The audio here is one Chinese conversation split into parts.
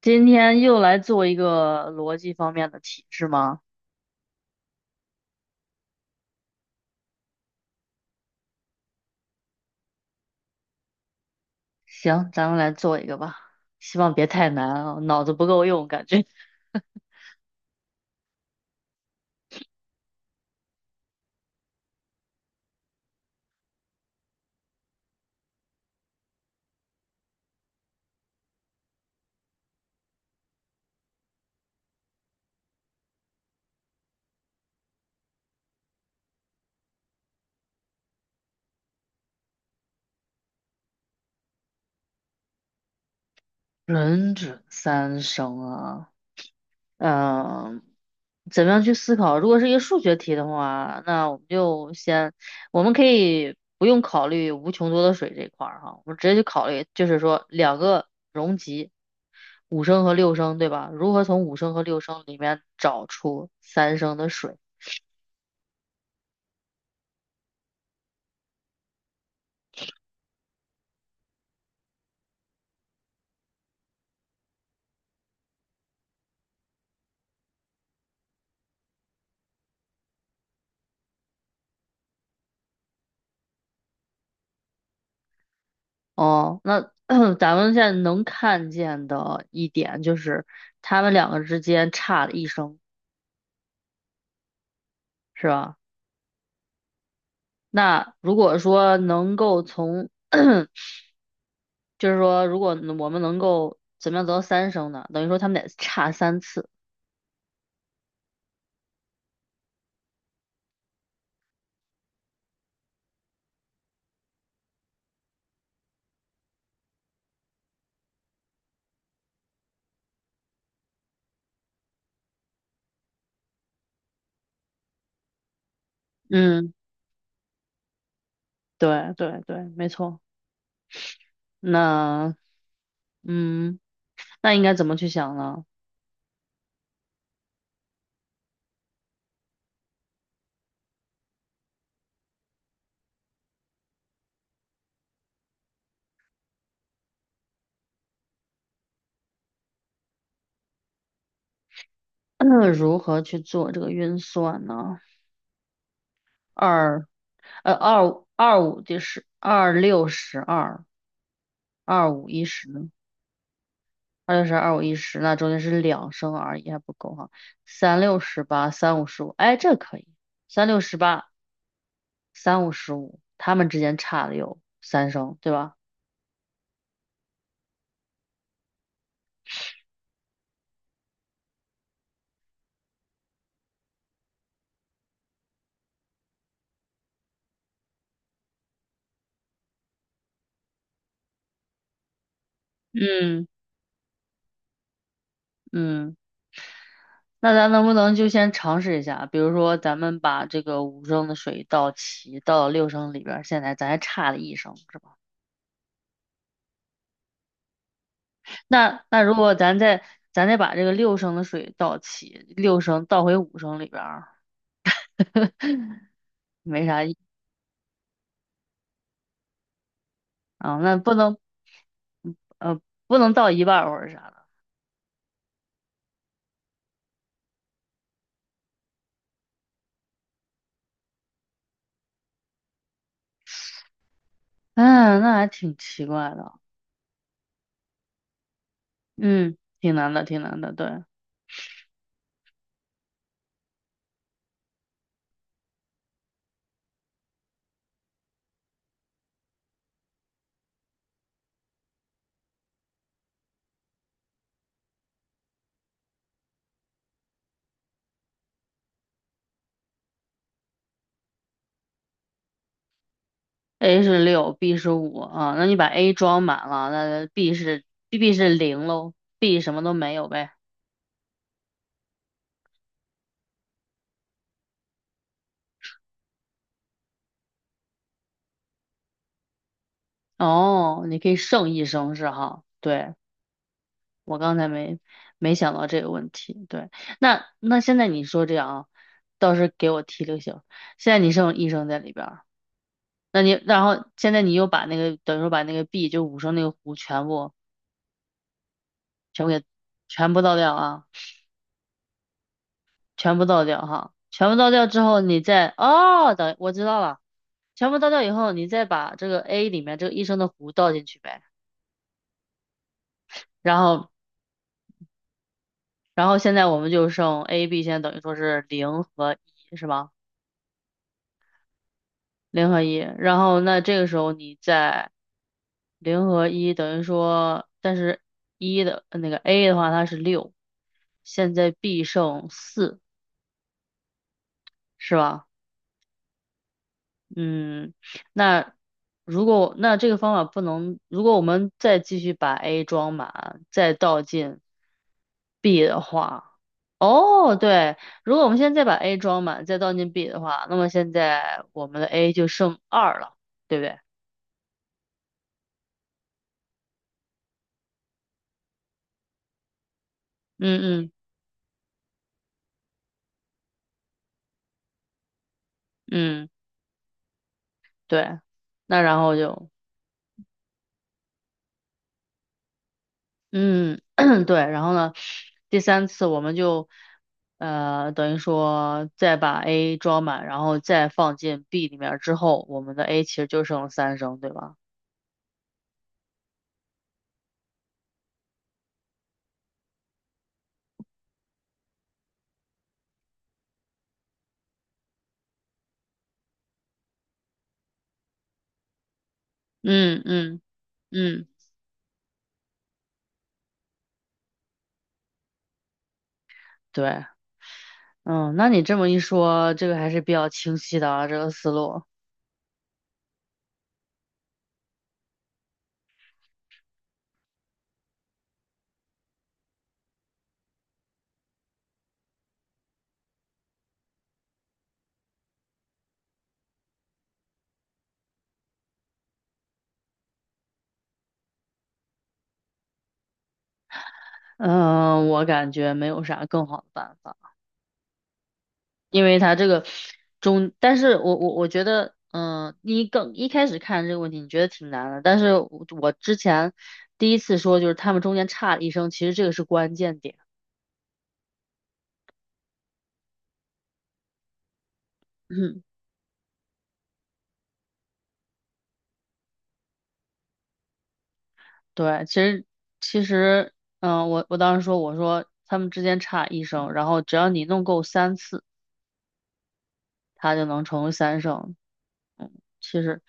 今天又来做一个逻辑方面的题，是吗？行，咱们来做一个吧，希望别太难啊，脑子不够用，感觉。人准三生啊，嗯，怎么样去思考？如果是一个数学题的话，那我们就先，我们可以不用考虑无穷多的水这一块儿哈，我们直接去考虑，就是说两个容积，五升和六升，对吧？如何从五升和六升里面找出三升的水？哦，那 咱们现在能看见的一点就是他们两个之间差了一声，是吧？那如果说能够从，就是说如果我们能够怎么样得到三声呢？等于说他们得差三次。嗯，对对对，没错。那嗯，那应该怎么去想呢？如何去做这个运算呢？二二五二五第十二六十二。二五一十，二六十二五一十，那中间是两升而已，还不够哈。三六十八，三五十五，哎，这可以。三六十八，三五十五，他们之间差了有三升，对吧？嗯嗯，那咱能不能就先尝试一下？比如说，咱们把这个五升的水倒齐，倒到六升里边儿，现在咱还差了一升，是吧？那如果咱再咱再把这个六升的水倒齐，六升倒回五升里边儿，没啥意啊，那不能呃不能到一半儿或者啥的，嗯，那还挺奇怪的，嗯，挺难的，挺难的，对。A 是六，B 是五啊，那你把 A 装满了，那 B 是 B 是零喽，B 什么都没有呗，哦，你可以剩一升是哈，对，我刚才没想到这个问题，对，那现在你说这样啊，倒是给我提了行，现在你剩一升在里边儿。那你，然后现在你又把那个，等于说把那个 B 就五升那个壶全部给全部倒掉啊，全部倒掉哈，全部倒掉之后，你再哦，等我知道了，全部倒掉以后，你再把这个 A 里面这个一升的壶倒进去呗，然后然后现在我们就剩 A、B，现在等于说是零和一是吧？零和一，然后那这个时候你再零和一等于说，但是一的那个 A 的话它是六，现在 B 剩四是吧？嗯，那如果那这个方法不能，如果我们再继续把 A 装满，再倒进 B 的话，哦，对，如果我们现在再把 A 装满，再倒进 B 的话，那么现在我们的 A 就剩二了，对不对？嗯嗯嗯，对，那然后就。嗯，对，然后呢，第三次我们就，呃，等于说再把 A 装满，然后再放进 B 里面儿之后，我们的 A 其实就剩了三升，对吧？嗯嗯嗯，对，嗯，那你这么一说，这个还是比较清晰的啊，这个思路。嗯、我感觉没有啥更好的办法。因为它这个中，但是我觉得，嗯、你更一开始看这个问题，你觉得挺难的，但是我之前第一次说就是他们中间差了一声，其实这个是关键点。嗯对，其实，嗯、我当时说我说他们之间差一声，然后只要你弄够三次，它就能成为三声。嗯，其实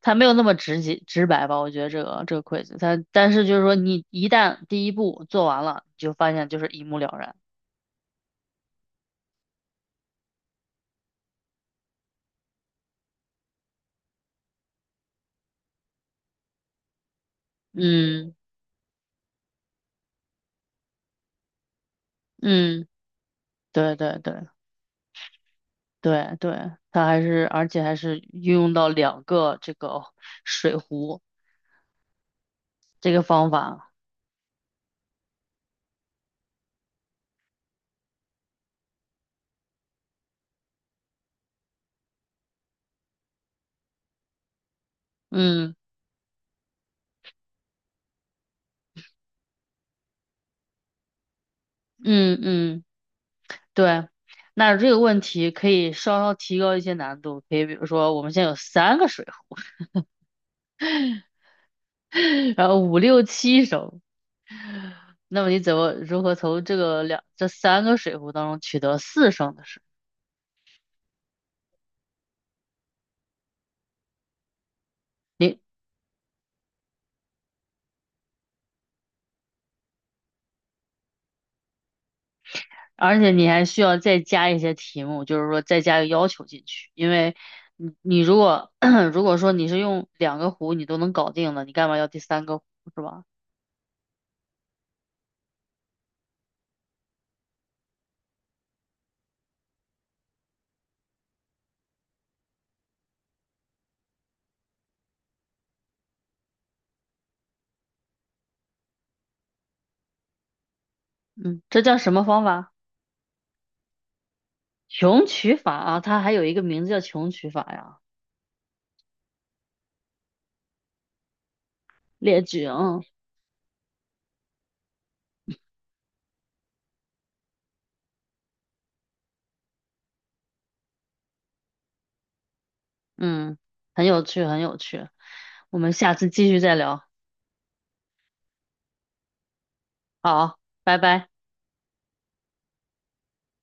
它没有那么直接直白吧，我觉得这个 quiz，它但是就是说你一旦第一步做完了，你就发现就是一目了然。嗯嗯，对对对对，它还是而且还是运用到两个这个水壶这个方法，嗯嗯，对。那这个问题可以稍稍提高一些难度，可以比如说我们现在有三个水壶，然后五六七升，那么你怎么如何从这个两这三个水壶当中取得四升的水？你而且你还需要再加一些题目，就是说再加个要求进去，因为你如果 如果说你是用两个弧你都能搞定了，你干嘛要第三个弧是吧？嗯，这叫什么方法？穷举法啊，它还有一个名字叫穷举法呀，列举啊，嗯嗯，很有趣，很有趣，我们下次继续再聊，好，拜拜。